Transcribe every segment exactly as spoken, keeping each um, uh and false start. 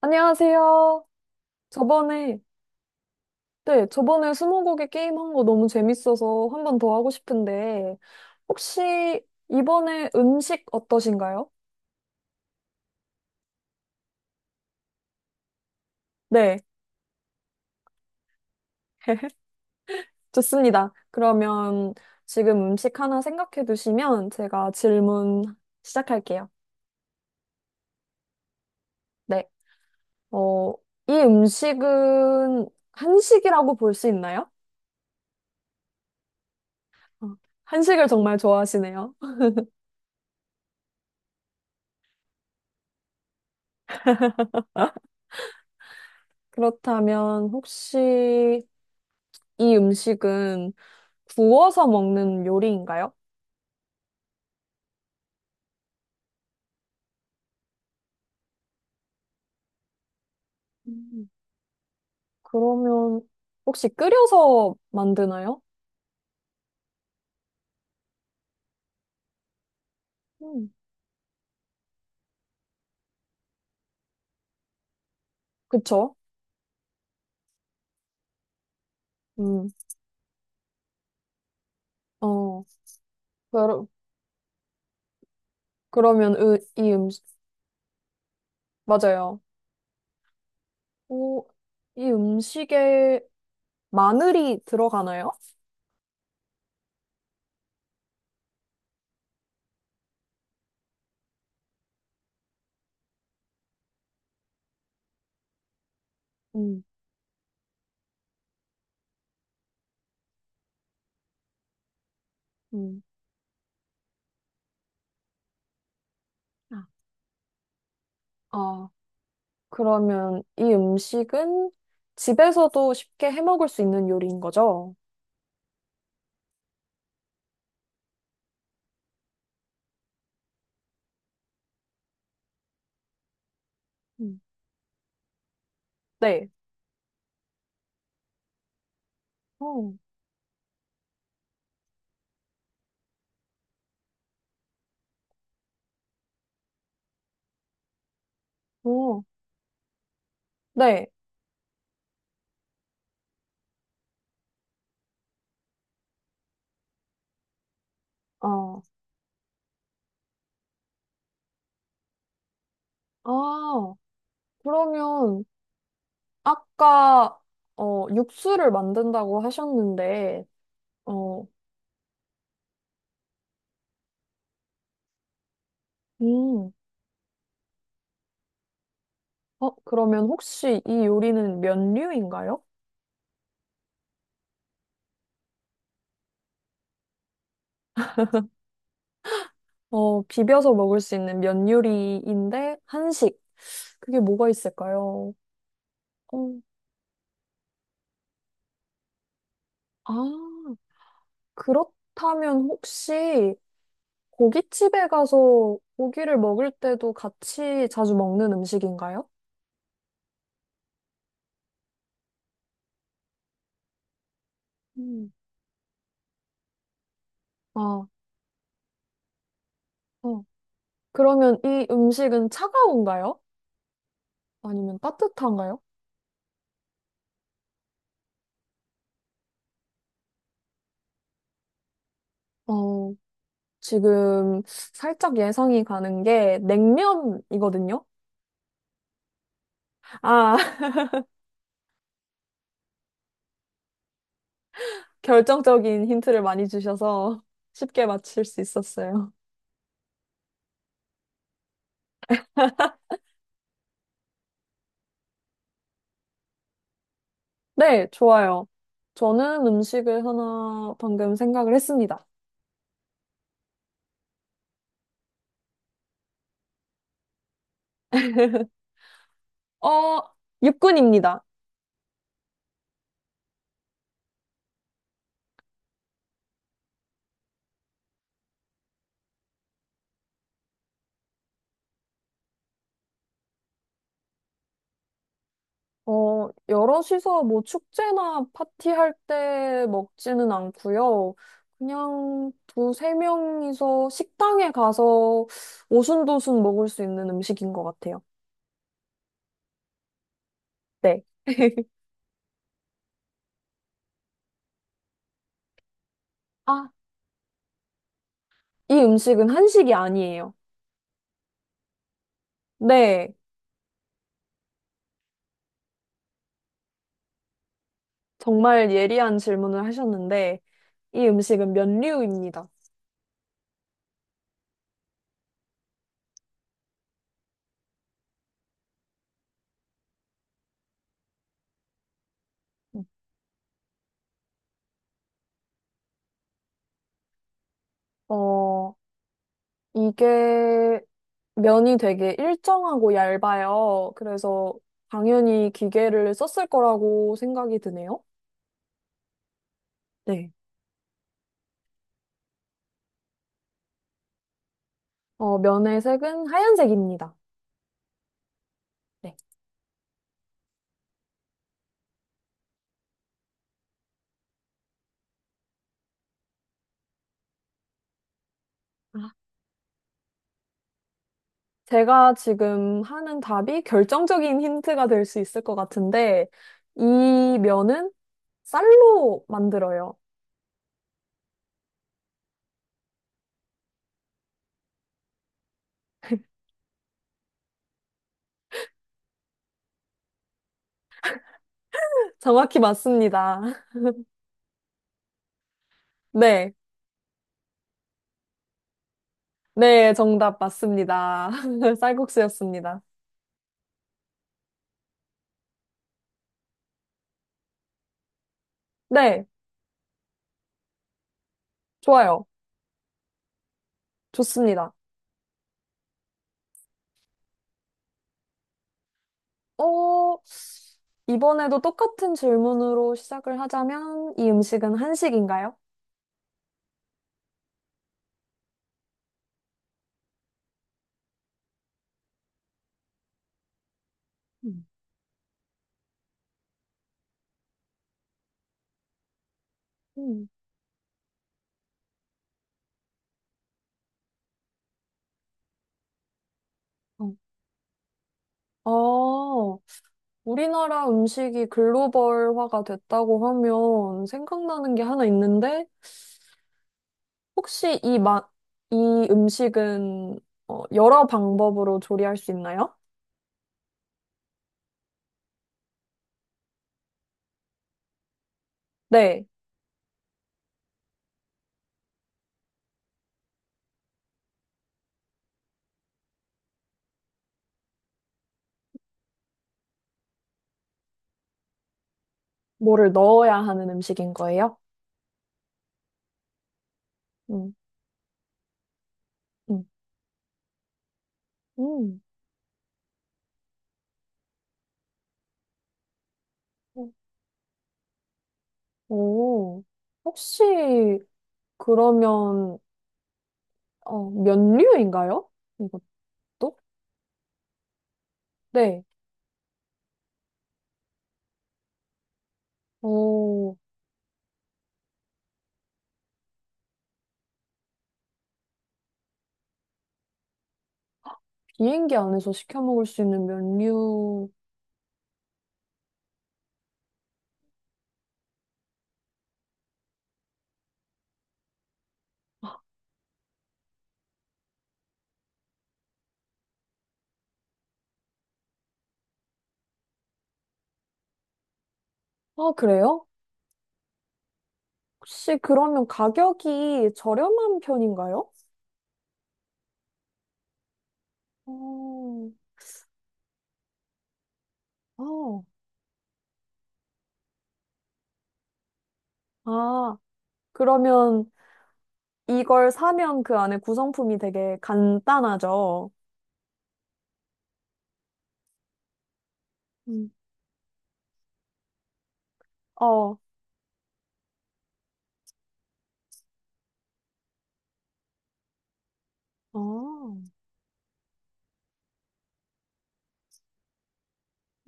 안녕하세요. 저번에, 네, 저번에 스무고개 게임 한 거 너무 재밌어서 한 번 더 하고 싶은데, 혹시 이번에 음식 어떠신가요? 네, 좋습니다. 그러면 지금 음식 하나 생각해 두시면 제가 질문 시작할게요. 네, 어, 이 음식은 한식이라고 볼 수 있나요? 어, 한식을 정말 좋아하시네요. 그렇다면 혹시 이 음식은 구워서 먹는 요리인가요? 음, 그러면 혹시 끓여서 만드나요? 음, 그쵸? 음, 어, 그러, 그러면 으, 이 음식, 맞아요. 오, 이 음식에 마늘이 들어가나요? 음, 음. 아, 아, 그러면 이 음식은 집에서도 쉽게 해 먹을 수 있는 요리인 거죠? 음, 네. 어, 어, 네. 아, 아, 그러면 아까 어, 육수를 만든다고 하셨는데, 어, 음, 어, 그러면 혹시 이 요리는 면류인가요? 어, 비벼서 먹을 수 있는 면 요리인데 한식. 그게 뭐가 있을까요? 어, 아, 그렇다면 혹시 고깃집에 가서 고기를 먹을 때도 같이 자주 먹는 음식인가요? 음, 아, 어. 그러면 이 음식은 차가운가요? 아니면 따뜻한가요? 어. 지금 살짝 예상이 가는 게 냉면이거든요. 아, 결정적인 힌트를 많이 주셔서 쉽게 맞힐 수 있었어요. 네, 좋아요. 저는 음식을 하나 방금 생각을 했습니다. 어, 육군입니다. 어, 여럿이서 뭐 축제나 파티할 때 먹지는 않고요. 그냥 두세 명이서 식당에 가서 오순도순 먹을 수 있는 음식인 것 같아요. 네. 아, 이 음식은 한식이 아니에요. 네, 정말 예리한 질문을 하셨는데, 이 음식은 면류입니다. 어, 이게 면이 되게 일정하고 얇아요. 그래서 당연히 기계를 썼을 거라고 생각이 드네요. 네. 어, 면의 색은 하얀색입니다. 네. 아, 제가 지금 하는 답이 결정적인 힌트가 될 수 있을 것 같은데, 이 면은 쌀로 만들어요. 정확히 맞습니다. 네. 네, 정답 맞습니다. 쌀국수였습니다. 네, 좋아요. 좋습니다. 어, 이번에도 똑같은 질문으로 시작을 하자면, 이 음식은 한식인가요? 음. 음. 어, 아, 우리나라 음식이 글로벌화가 됐다고 하면 생각나는 게 하나 있는데, 혹시 이 마, 이 음식은 어, 여러 방법으로 조리할 수 있나요? 네. 뭐를 넣어야 하는 음식인 거예요? 음, 음, 음. 오, 혹시 그러면 어, 면류인가요? 이것도? 네. 오, 비행기 안에서 시켜 먹을 수 있는 면류. 아, 그래요? 혹시 그러면 가격이 저렴한 편인가요? 오, 어. 아, 그러면 이걸 사면 그 안에 구성품이 되게 간단하죠? 음. 어, 어.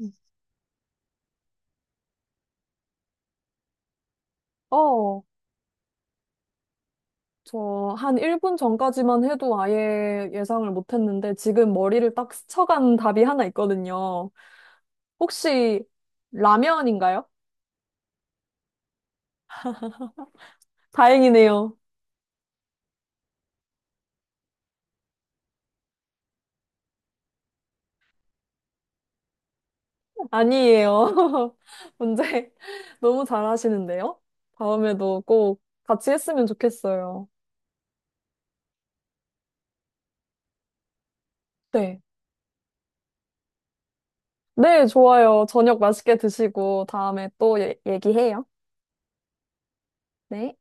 음. 어, 저 한 일 분 전까지만 해도 아예 예상을 못했는데 지금 머리를 딱 스쳐간 답이 하나 있거든요. 혹시 라면인가요? 다행이네요. 아니에요. 문제 너무 잘하시는데요? 다음에도 꼭 같이 했으면 좋겠어요. 네. 네, 좋아요. 저녁 맛있게 드시고 다음에 또 예- 얘기해요. 네.